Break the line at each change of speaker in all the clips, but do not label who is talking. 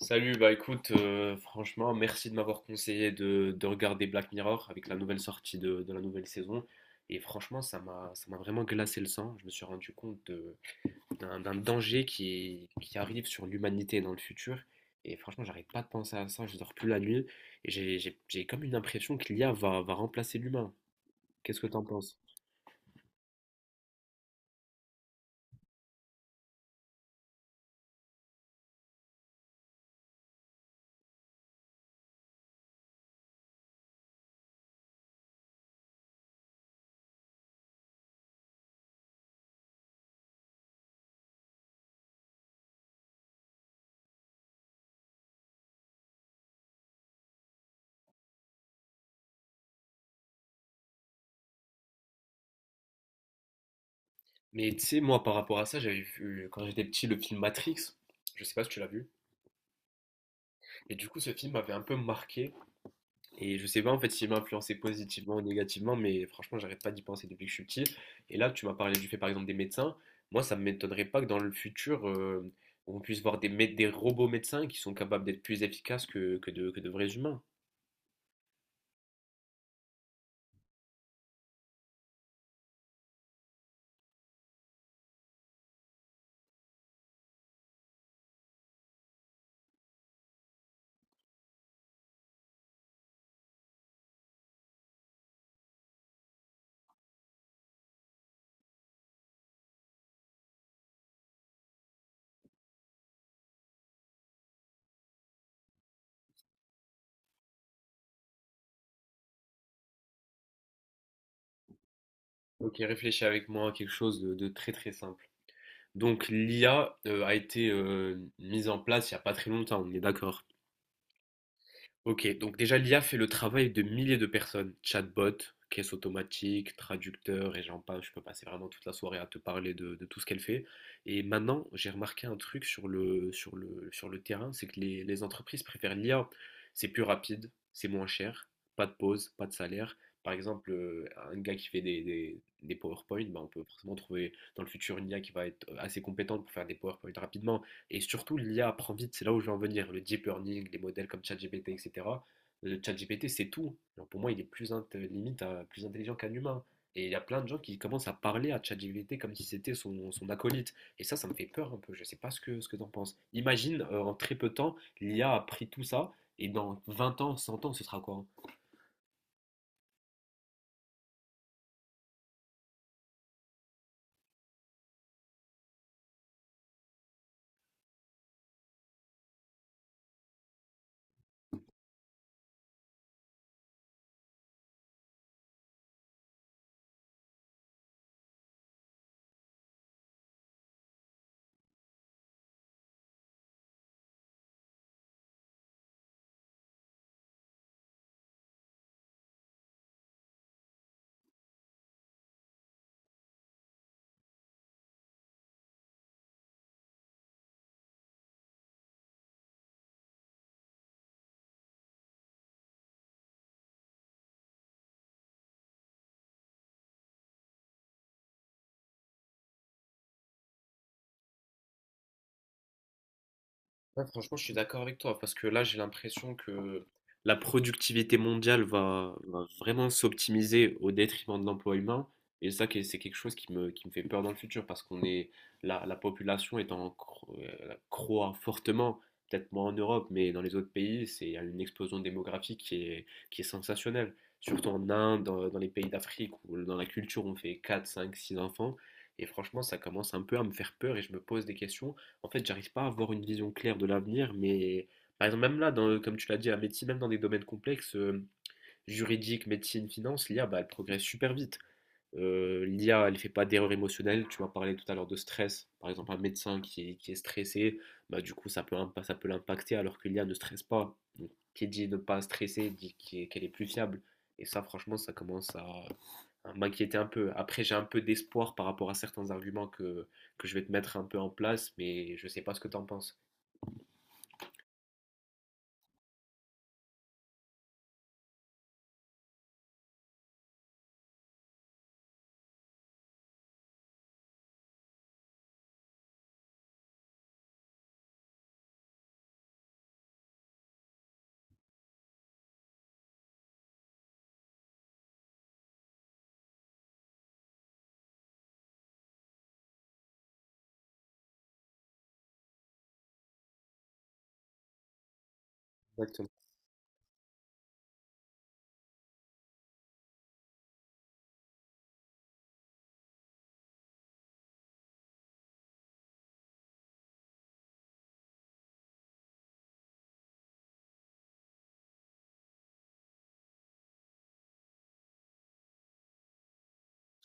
Salut. Bah écoute, franchement, merci de m'avoir conseillé de regarder Black Mirror avec la nouvelle sortie de la nouvelle saison. Et franchement, ça m'a vraiment glacé le sang. Je me suis rendu compte de- D'un danger qui arrive sur l'humanité dans le futur. Et franchement, j'arrête pas de penser à ça, je dors plus la nuit. Et j'ai comme une impression que l'I a va remplacer l'humain. Qu'est-ce que t'en penses? Mais tu sais, moi, par rapport à ça, j'avais vu, quand j'étais petit, le film Matrix. Je sais pas si tu l'as vu. Et du coup, ce film m'avait un peu marqué. Et je sais pas en fait s'il m'a influencé positivement ou négativement, mais franchement, j'arrête pas d'y penser depuis que je suis petit. Et là, tu m'as parlé du fait par exemple des médecins. Moi, ça m'étonnerait pas que dans le futur, on puisse voir des robots médecins qui sont capables d'être plus efficaces que de vrais humains. Ok, réfléchis avec moi à quelque chose de très très simple. Donc, l'IA a été mise en place il n'y a pas très longtemps, on est d'accord. Ok, donc déjà l'IA fait le travail de milliers de personnes. Chatbot, caisse automatique, traducteur et j'en passe. Je peux passer vraiment toute la soirée à te parler de tout ce qu'elle fait. Et maintenant, j'ai remarqué un truc sur le terrain, c'est que les entreprises préfèrent l'IA. C'est plus rapide, c'est moins cher, pas de pause, pas de salaire. Par exemple, un gars qui fait des PowerPoint, bah, on peut forcément trouver dans le futur une IA qui va être assez compétente pour faire des PowerPoint rapidement. Et surtout, l'IA apprend vite, c'est là où je veux en venir. Le deep learning, les modèles comme ChatGPT, etc. Le ChatGPT, c'est tout. Alors pour moi, il est limite plus intelligent qu'un humain. Et il y a plein de gens qui commencent à parler à ChatGPT comme si c'était son acolyte. Et ça me fait peur un peu. Je ne sais pas ce que t'en penses. Imagine, en très peu de temps, l'IA a pris tout ça. Et dans 20 ans, 100 ans, ce sera quoi? Hein? Ouais, franchement, je suis d'accord avec toi parce que là, j'ai l'impression que la productivité mondiale va vraiment s'optimiser au détriment de l'emploi humain. Et ça, c'est quelque chose qui me fait peur dans le futur parce qu'on est, la population est croît fortement, peut-être moins en Europe, mais dans les autres pays, c'est il y a une explosion démographique qui est sensationnelle. Surtout en Inde, dans les pays d'Afrique où dans la culture, on fait 4 5 6 enfants. Et franchement, ça commence un peu à me faire peur et je me pose des questions. En fait, j'arrive pas à avoir une vision claire de l'avenir, mais par exemple, même là, comme tu l'as dit, la médecine, même dans des domaines complexes, juridique, médecine, finance, l'IA, bah, elle progresse super vite. L'IA, elle fait pas d'erreur émotionnelle. Tu m'as parlé tout à l'heure de stress. Par exemple, un médecin qui est stressé, bah, du coup, ça peut l'impacter alors que l'IA ne stresse pas. Donc, qui dit ne pas stresser, dit qu'elle est plus fiable. Et ça, franchement, ça commence à, hein, m'inquiéter un peu. Après, j'ai un peu d'espoir par rapport à certains arguments que je vais te mettre un peu en place, mais je ne sais pas ce que tu en penses. Exactement.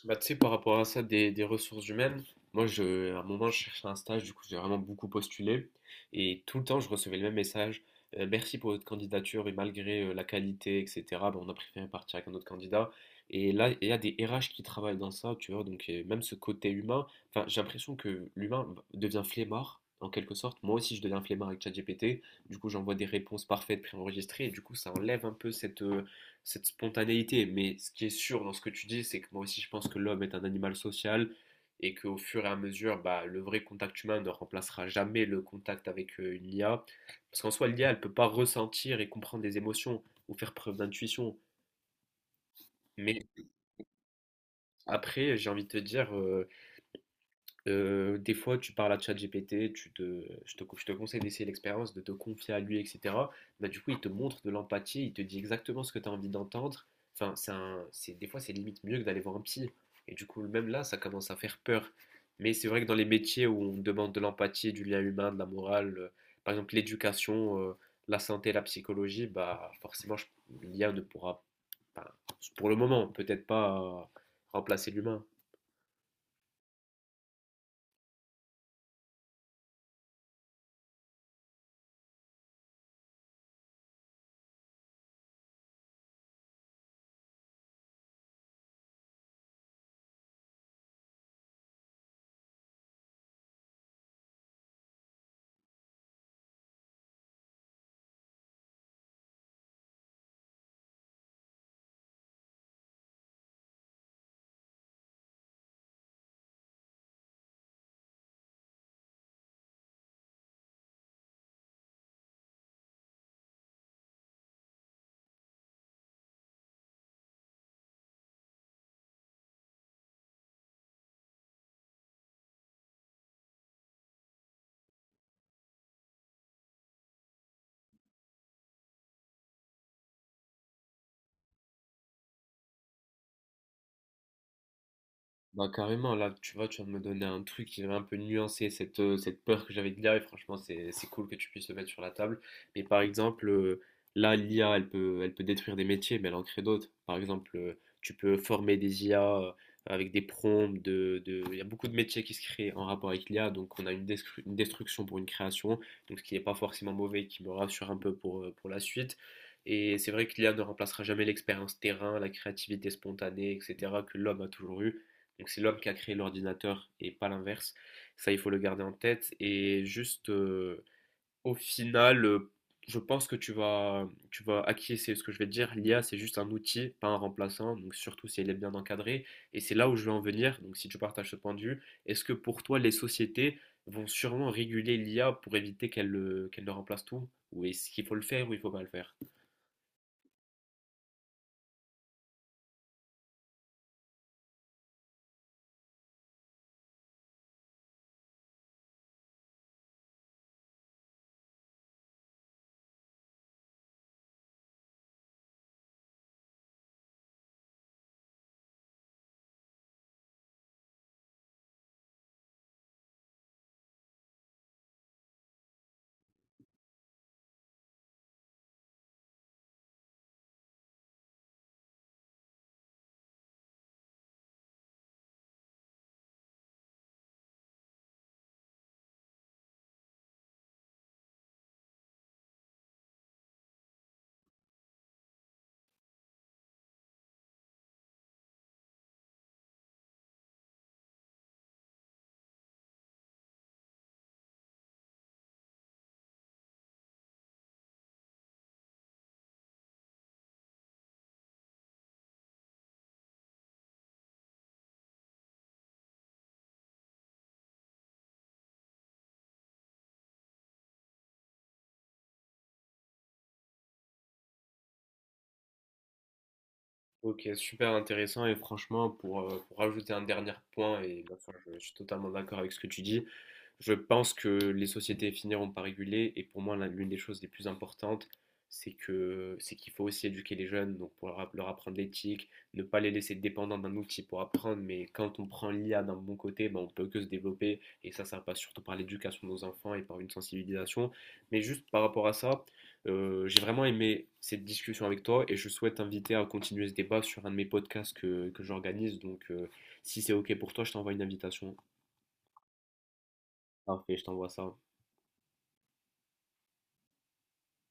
Bah, tu sais, par rapport à ça, des ressources humaines, moi, à un moment, je cherchais un stage, du coup, j'ai vraiment beaucoup postulé. Et tout le temps, je recevais le même message. Merci pour votre candidature et malgré la qualité, etc., bah, on a préféré partir avec un autre candidat. Et là, il y a des RH qui travaillent dans ça, tu vois, donc même ce côté humain, enfin, j'ai l'impression que l'humain devient flemmard, en quelque sorte. Moi aussi, je deviens flemmard avec ChatGPT. Du coup, j'envoie des réponses parfaites préenregistrées et du coup, ça enlève un peu cette spontanéité. Mais ce qui est sûr dans ce que tu dis, c'est que moi aussi, je pense que l'homme est un animal social et qu'au fur et à mesure, bah, le vrai contact humain ne remplacera jamais le contact avec une IA. Parce qu'en soi, l'IA, elle ne peut pas ressentir et comprendre les émotions ou faire preuve d'intuition. Mais après, j'ai envie de te dire, des fois, tu parles à ChatGPT, tu te je te je te conseille d'essayer l'expérience, de te confier à lui et cetera. Bah, du coup, il te montre de l'empathie, il te dit exactement ce que tu as envie d'entendre. Enfin, c'est un c'est des fois, c'est limite mieux que d'aller voir un psy et du coup, même là, ça commence à faire peur. Mais c'est vrai que dans les métiers où on demande de l'empathie, du lien humain, de la morale, par exemple l'éducation, la santé, la psychologie, bah, forcément, je l'IA ne pourra, enfin, pour le moment, peut-être pas remplacer l'humain. Bah carrément, là tu vois, tu viens de me donner un truc qui va un peu nuancer cette peur que j'avais de l'IA et franchement c'est cool que tu puisses le mettre sur la table. Mais par exemple, là l'IA elle peut détruire des métiers mais elle en crée d'autres. Par exemple, tu peux former des IA avec des prompts, il y a beaucoup de métiers qui se créent en rapport avec l'IA donc on a une destruction pour une création, donc ce qui n'est pas forcément mauvais, qui me rassure un peu pour la suite. Et c'est vrai que l'IA ne remplacera jamais l'expérience terrain, la créativité spontanée, etc. que l'homme a toujours eu. Donc c'est l'homme qui a créé l'ordinateur et pas l'inverse. Ça, il faut le garder en tête. Et juste, au final, je pense que tu vas acquiescer à ce que je vais te dire. L'IA, c'est juste un outil, pas un remplaçant. Donc surtout si elle est bien encadrée. Et c'est là où je veux en venir. Donc si tu partages ce point de vue, est-ce que pour toi, les sociétés vont sûrement réguler l'IA pour éviter qu'elle qu'elle ne remplace tout? Ou est-ce qu'il faut le faire ou il faut pas le faire? Ok, super intéressant et franchement, pour rajouter un dernier point, et bien sûr, je suis totalement d'accord avec ce que tu dis. Je pense que les sociétés finiront par réguler et pour moi l'une des choses les plus importantes, c'est que c'est qu'il faut aussi éduquer les jeunes, donc pour leur, leur apprendre l'éthique, ne pas les laisser dépendants d'un outil pour apprendre, mais quand on prend l'IA d'un bon côté, ben, on peut que se développer et ça passe surtout par l'éducation de nos enfants et par une sensibilisation. Mais juste par rapport à ça, j'ai vraiment aimé cette discussion avec toi et je souhaite t'inviter à continuer ce débat sur un de mes podcasts que j'organise, donc si c'est ok pour toi, je t'envoie une invitation. Parfait, je t'envoie ça.